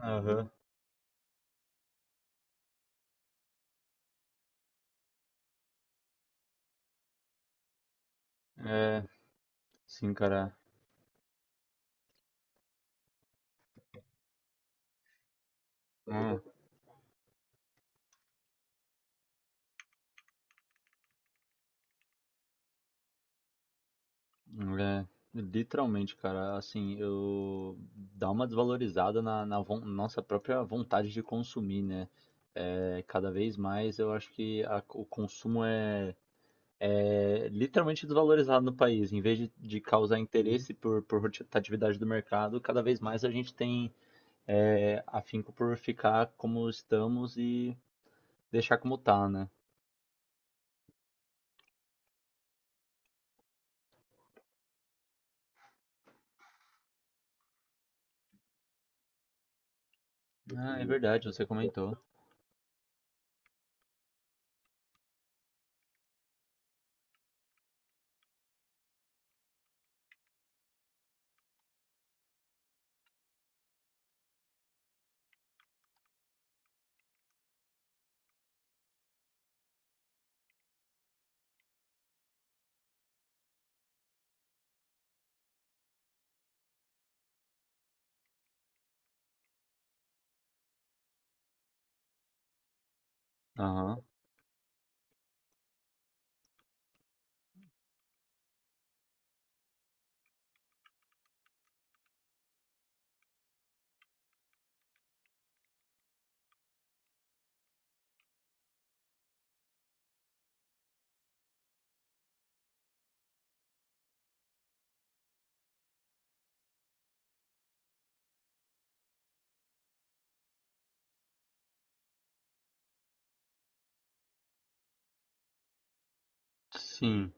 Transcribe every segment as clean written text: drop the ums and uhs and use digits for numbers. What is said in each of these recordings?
Aham. É, sim, cara. É, é, Literalmente, cara, assim, eu dá uma desvalorizada na nossa própria vontade de consumir, né? Cada vez mais eu acho que o consumo é literalmente desvalorizado no país. Em vez de causar interesse por rotatividade do mercado, cada vez mais a gente tem afinco por ficar como estamos e deixar como tá, né? Ah, é verdade, você comentou. Aham. Sim.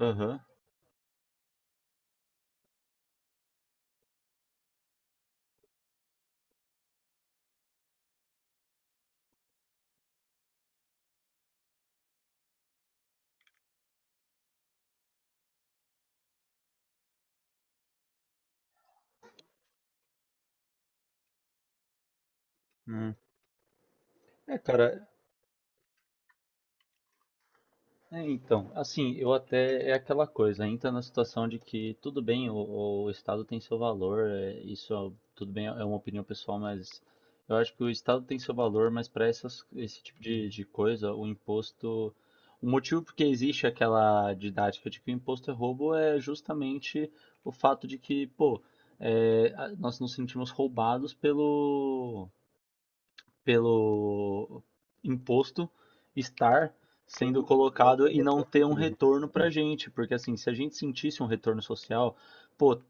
Aham. Hum. É, cara, então, assim, eu até, é aquela coisa, entra na situação de que tudo bem, o Estado tem seu valor, isso tudo bem, é uma opinião pessoal, mas eu acho que o Estado tem seu valor, mas para esse tipo de coisa, o imposto, o motivo porque existe aquela didática de que o imposto é roubo é justamente o fato de que, pô, nós nos sentimos roubados pelo imposto estar sendo colocado e não ter um retorno para a gente. Porque, assim, se a gente sentisse um retorno social, pô,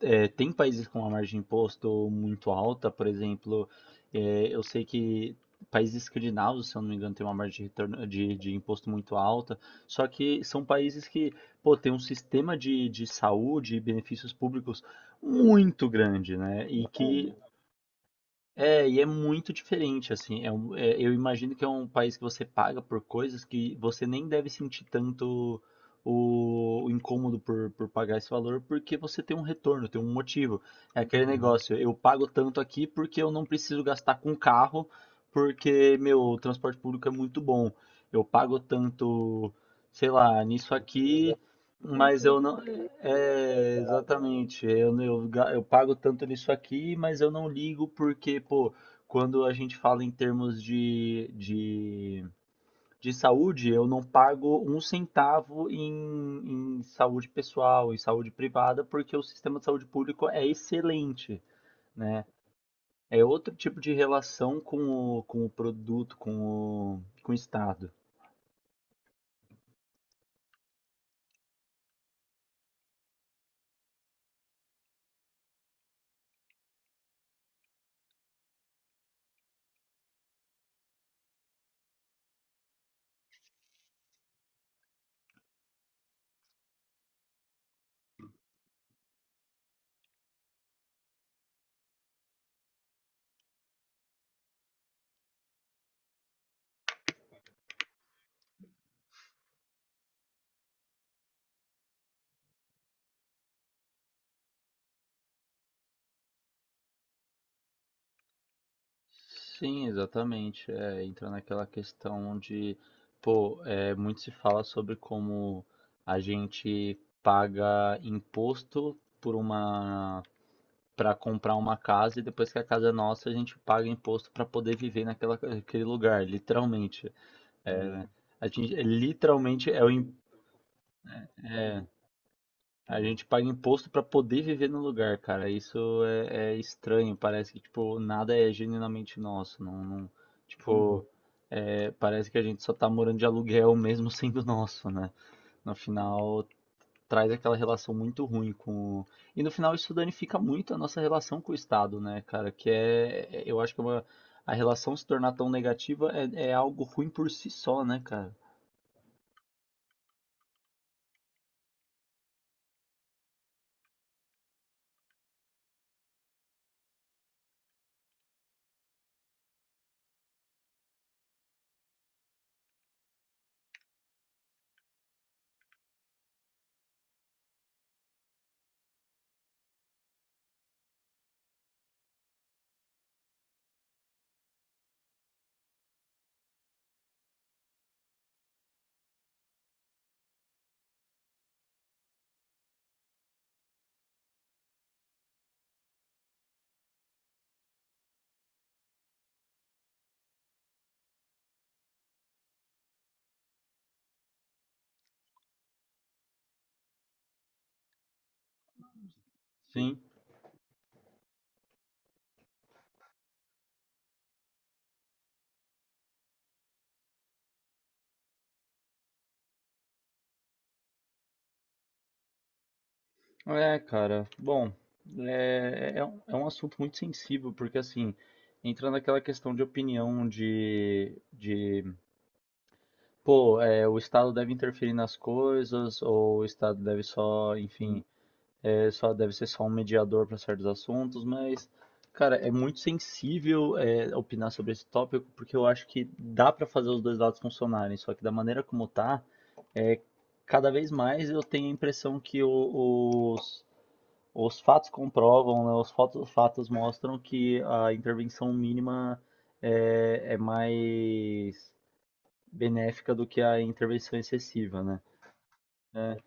tem países com uma margem de imposto muito alta, por exemplo, eu sei que países escandinavos, se eu não me engano, tem uma margem de retorno, de imposto muito alta, só que são países que, pô, tem um sistema de saúde e benefícios públicos muito grande, né? E que e é muito diferente, assim. Eu imagino que é um país que você paga por coisas que você nem deve sentir tanto o incômodo por pagar esse valor, porque você tem um retorno, tem um motivo. É aquele Uhum. Negócio, eu pago tanto aqui porque eu não preciso gastar com carro, porque meu transporte público é muito bom. Eu pago tanto, sei lá, nisso aqui, mas eu não. É, exatamente. Eu, não- eu, ga- Eu pago tanto nisso aqui, mas eu não ligo porque, pô, quando a gente fala em termos de saúde, eu não pago um centavo em saúde pessoal, em saúde privada, porque o sistema de saúde público é excelente, né? É outro tipo de relação com o produto, com o Estado. Sim, exatamente. É, entra naquela questão onde pô, muito se fala sobre como a gente paga imposto por uma para comprar uma casa e depois que a casa é nossa, a gente paga imposto para poder viver naquele lugar, literalmente. É, a gente é, literalmente é o, A gente paga imposto pra poder viver no lugar, cara. Isso é estranho. Parece que, tipo, nada é genuinamente nosso. Tipo, Uhum. Parece que a gente só tá morando de aluguel mesmo sendo nosso, né? No final, traz aquela relação muito ruim E no final, isso danifica muito a nossa relação com o Estado, né, cara? Eu acho que é uma... A relação se tornar tão negativa é algo ruim por si só, né, cara? Sim. É, cara, bom, é um assunto muito sensível, porque assim, entra naquela questão de opinião de pô, o Estado deve interferir nas coisas, ou o Estado deve só, enfim, só deve ser só um mediador para certos assuntos, mas, cara, é muito sensível opinar sobre esse tópico, porque eu acho que dá para fazer os dois lados funcionarem, só que da maneira como tá, é, cada vez mais eu tenho a impressão que o, os os fatos comprovam, né, os fatos mostram que a intervenção mínima é mais benéfica do que a intervenção excessiva, né? É,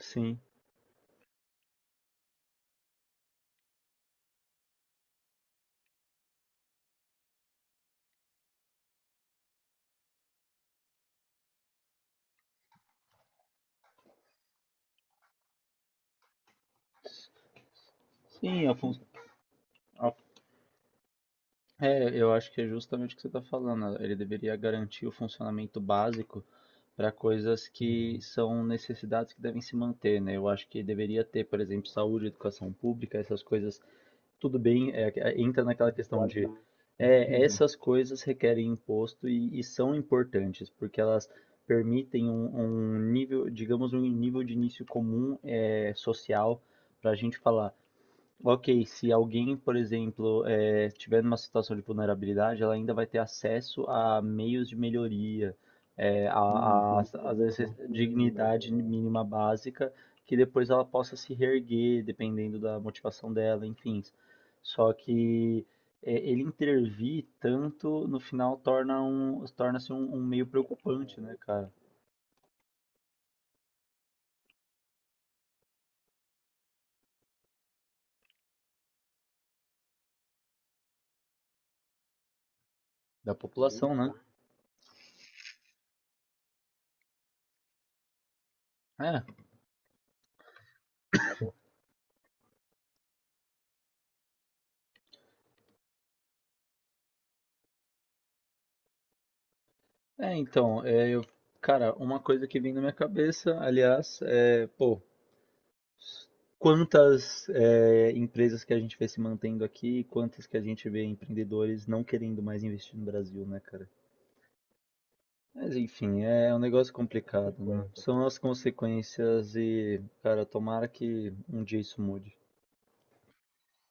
sim. Sim, a fun- a- eu acho que é justamente o que você está falando. Ele deveria garantir o funcionamento básico para coisas que são necessidades que devem se manter, né? Eu acho que deveria ter, por exemplo, saúde, educação pública, essas coisas tudo bem, entra naquela questão de essas coisas requerem imposto e são importantes, porque elas permitem um nível, digamos, um nível de início comum social para a gente falar, Ok, se alguém, por exemplo, tiver numa situação de vulnerabilidade, ela ainda vai ter acesso a meios de melhoria, eh, a, às vezes, dignidade mínima básica, que depois ela possa se reerguer, dependendo da motivação dela, enfim. Só que ele intervir tanto, no final, torna-se um meio preocupante, né, cara? Da população, né? É. É, então, é, eu, cara, uma coisa que vem na minha cabeça, aliás, pô, quantas empresas que a gente vê se mantendo aqui, quantas que a gente vê empreendedores não querendo mais investir no Brasil, né, cara? Mas enfim, é um negócio complicado, né? São as consequências e, cara, tomara que um dia isso mude.